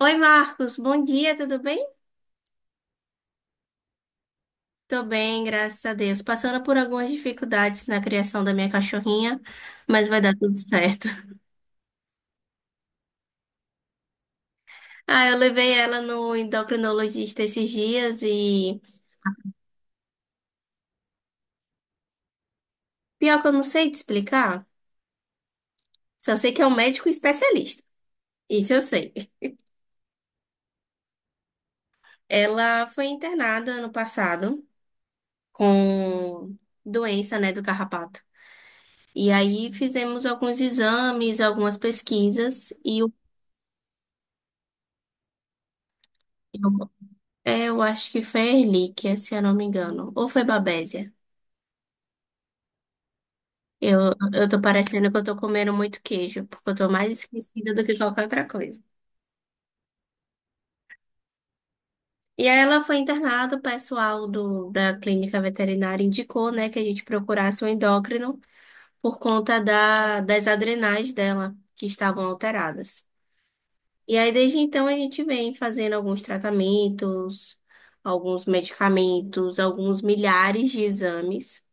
Oi, Marcos, bom dia, tudo bem? Tô bem, graças a Deus. Passando por algumas dificuldades na criação da minha cachorrinha, mas vai dar tudo certo. Ah, eu levei ela no endocrinologista esses dias e pior que eu não sei te explicar, só sei que é um médico especialista. Isso eu sei. Ela foi internada ano passado com doença, né, do carrapato. E aí fizemos alguns exames, algumas pesquisas e o É, eu acho que foi Relíquia, se eu não me engano. Ou foi Babésia. Eu, eu tô parecendo que eu tô comendo muito queijo, porque eu tô mais esquecida do que qualquer outra coisa. E aí ela foi internada, o pessoal da clínica veterinária indicou, né, que a gente procurasse um endócrino por conta das adrenais dela, que estavam alteradas. E aí, desde então, a gente vem fazendo alguns tratamentos, alguns medicamentos, alguns milhares de exames.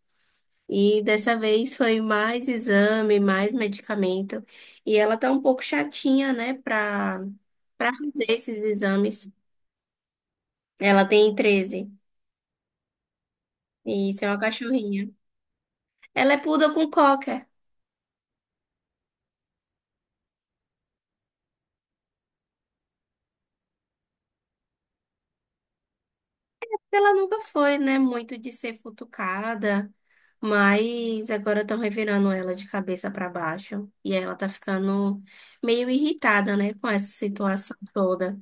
E dessa vez foi mais exame, mais medicamento. E ela tá um pouco chatinha, né, pra fazer esses exames. Ela tem 13. E isso é uma cachorrinha. Ela é poodle com cocker. Ela nunca foi, né, muito de ser futucada, mas agora estão revirando ela de cabeça pra baixo. E ela tá ficando meio irritada, né, com essa situação toda.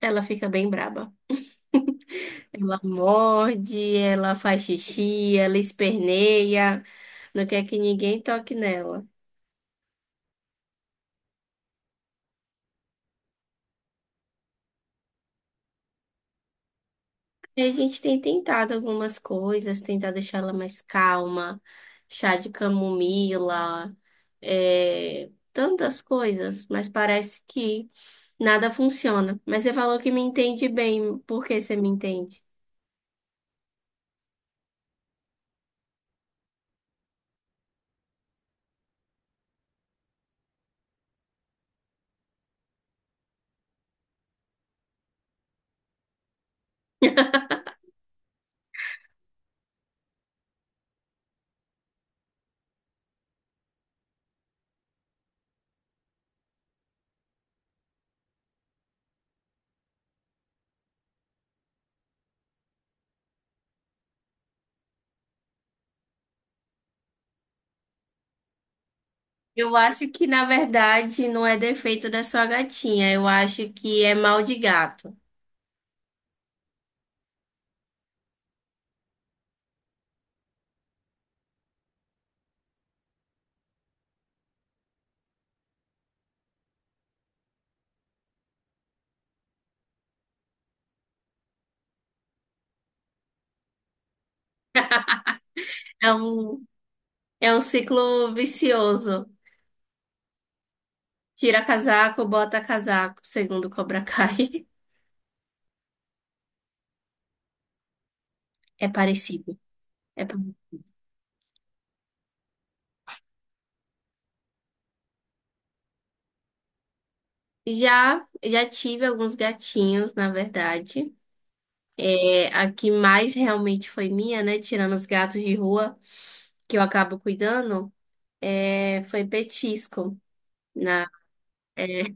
Ela fica bem braba. Ela morde, ela faz xixi, ela esperneia, não quer que ninguém toque nela. Aí a gente tem tentado algumas coisas, tentar deixar ela mais calma, chá de camomila, tantas coisas, mas parece que nada funciona. Mas você falou que me entende bem, por que você me entende? Eu acho que, na verdade, não é defeito da sua gatinha, eu acho que é mal de gato. É um É um ciclo vicioso. Tira casaco, bota casaco, segundo Cobra Kai. É parecido. É parecido. Já tive alguns gatinhos, na verdade. É, a que mais realmente foi minha, né? Tirando os gatos de rua, que eu acabo cuidando, foi Petisco. Na, é,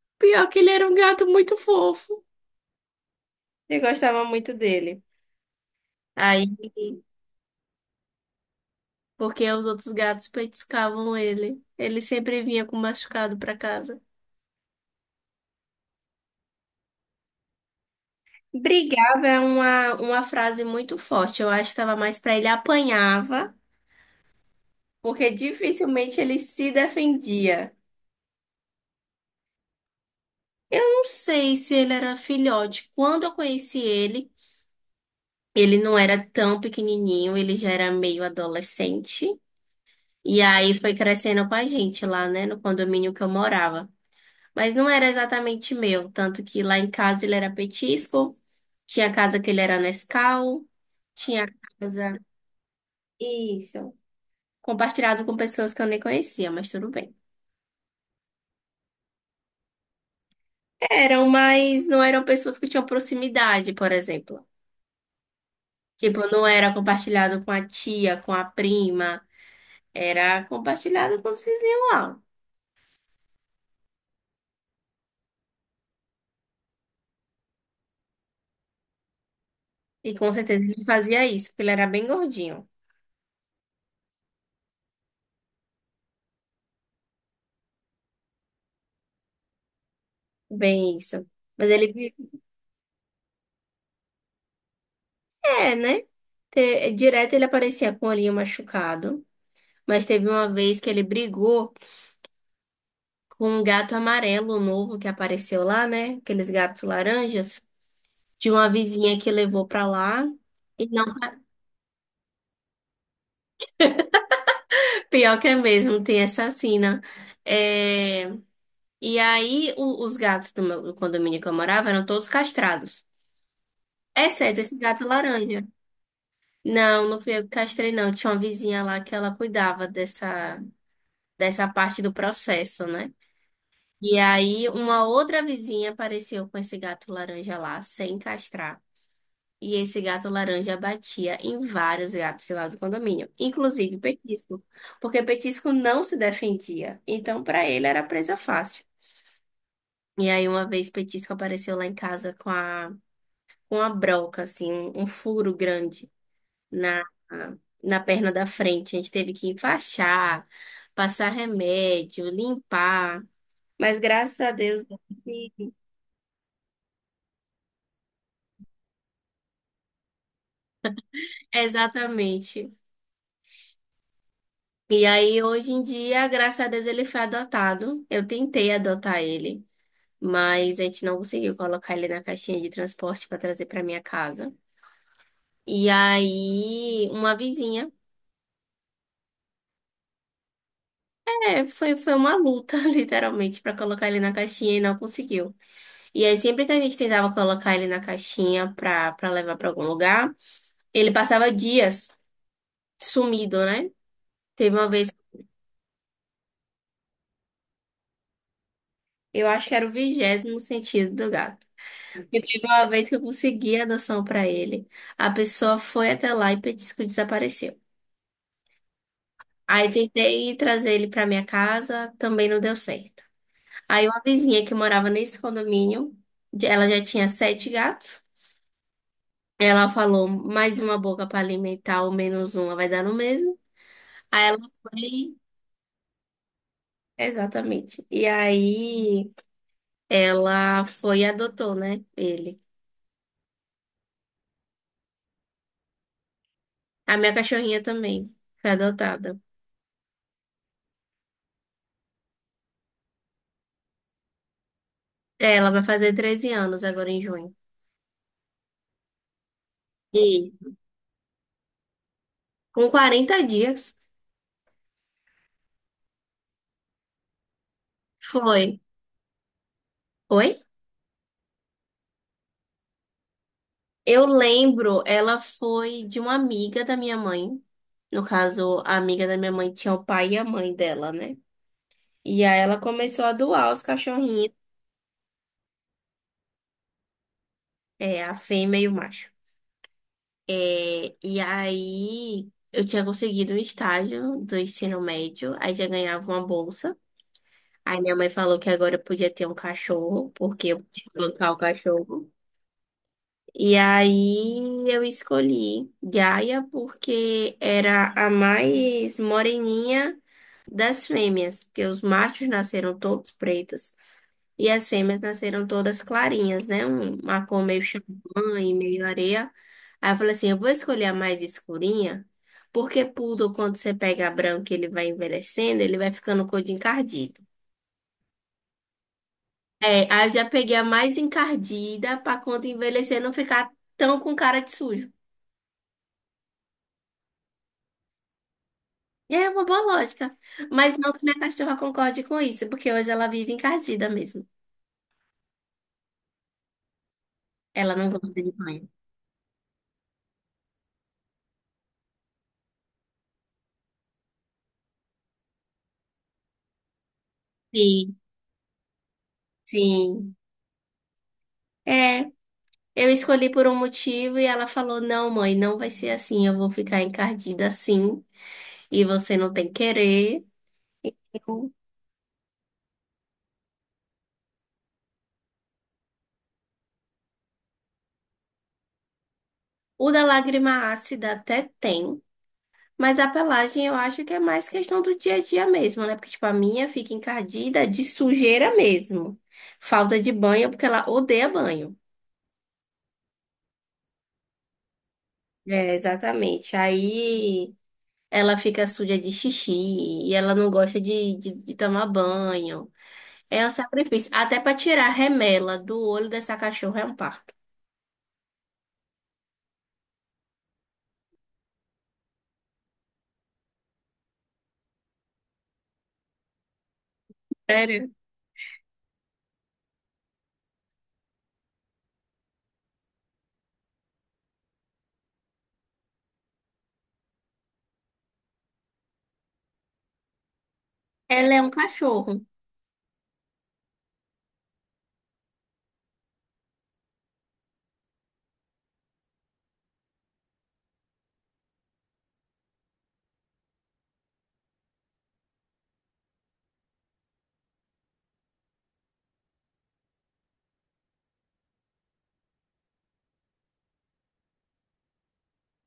pior que ele era um gato muito fofo. Eu gostava muito dele. Aí, porque os outros gatos petiscavam ele. Ele sempre vinha com machucado pra casa. Brigava é uma frase muito forte. Eu acho que estava mais para ele apanhava, porque dificilmente ele se defendia. Eu não sei se ele era filhote. Quando eu conheci ele, ele não era tão pequenininho, ele já era meio adolescente. E aí foi crescendo com a gente lá, né, no condomínio que eu morava. Mas não era exatamente meu, tanto que lá em casa ele era petisco, tinha casa que ele era Nescau, tinha casa. Isso. Compartilhado com pessoas que eu nem conhecia, mas tudo bem. Eram, mas não eram pessoas que tinham proximidade, por exemplo. Tipo, não era compartilhado com a tia, com a prima, era compartilhado com os vizinhos lá. E com certeza ele fazia isso, porque ele era bem gordinho. Bem isso. Mas ele, é, né? Direto ele aparecia com o olhinho machucado, mas teve uma vez que ele brigou com um gato amarelo novo que apareceu lá, né? Aqueles gatos laranjas de uma vizinha que levou pra lá. E não, pior que é mesmo, tem essa sina. É, E aí, os gatos do condomínio que eu morava eram todos castrados, exceto esse gato laranja. Não, não fui eu que castrei, não. Tinha uma vizinha lá que ela cuidava dessa parte do processo, né? E aí, uma outra vizinha apareceu com esse gato laranja lá, sem castrar. E esse gato laranja batia em vários gatos lá do condomínio, inclusive Petisco, porque Petisco não se defendia, então para ele era presa fácil. E aí uma vez Petisco apareceu lá em casa com a broca assim, um furo grande na na perna da frente. A gente teve que enfaixar, passar remédio, limpar, mas graças a Deus. Exatamente. E aí, hoje em dia, graças a Deus, ele foi adotado. Eu tentei adotar ele, mas a gente não conseguiu colocar ele na caixinha de transporte para trazer para minha casa. E aí, uma vizinha, foi, foi uma luta, literalmente, para colocar ele na caixinha e não conseguiu. E aí, sempre que a gente tentava colocar ele na caixinha para levar para algum lugar, ele passava dias sumido, né? Teve uma vez, eu acho que era o 20º sentido do gato. E teve uma vez que eu consegui a adoção pra ele. A pessoa foi até lá e disse que desapareceu. Aí tentei trazer ele pra minha casa, também não deu certo. Aí uma vizinha que morava nesse condomínio, ela já tinha sete gatos. Ela falou, mais uma boca pra alimentar ou menos uma vai dar no mesmo. Aí ela foi, exatamente. E aí ela foi e adotou, né? Ele. A minha cachorrinha também foi adotada. Ela vai fazer 13 anos agora em junho. E com 40 dias foi. Oi? Eu lembro, ela foi de uma amiga da minha mãe. No caso, a amiga da minha mãe tinha o pai e a mãe dela, né? E aí ela começou a doar os cachorrinhos, é, a fêmea e o macho. É, e aí eu tinha conseguido um estágio do ensino médio, aí já ganhava uma bolsa. Aí minha mãe falou que agora eu podia ter um cachorro, porque eu podia bancar o cachorro. E aí eu escolhi Gaia porque era a mais moreninha das fêmeas, porque os machos nasceram todos pretos e as fêmeas nasceram todas clarinhas, né? Uma cor meio champanhe, e meio areia. Aí eu falei assim, eu vou escolher a mais escurinha, porque poodle, quando você pega branco, e ele vai envelhecendo, ele vai ficando cor de encardido. É, aí eu já peguei a mais encardida para quando envelhecer não ficar tão com cara de sujo. É uma boa lógica. Mas não que minha cachorra concorde com isso, porque hoje ela vive encardida mesmo. Ela não gosta de banho. Sim, sim. É, eu escolhi por um motivo e ela falou: não, mãe, não vai ser assim. Eu vou ficar encardida assim e você não tem querer. O da lágrima ácida até tem, mas a pelagem eu acho que é mais questão do dia a dia mesmo, né? Porque, tipo, a minha fica encardida de sujeira mesmo. Falta de banho, porque ela odeia banho. É, exatamente. Aí ela fica suja de xixi e ela não gosta de tomar banho. É um sacrifício. Até para tirar a remela do olho dessa cachorra é um parto. Sério? Ela é um cachorro.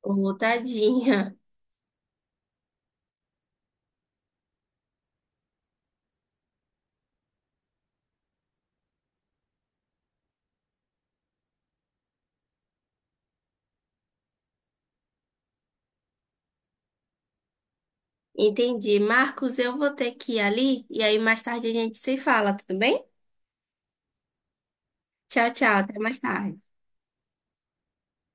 Ô, tadinha. Entendi. Marcos, eu vou ter que ir ali e aí mais tarde a gente se fala, tudo bem? Tchau, tchau. Até mais tarde.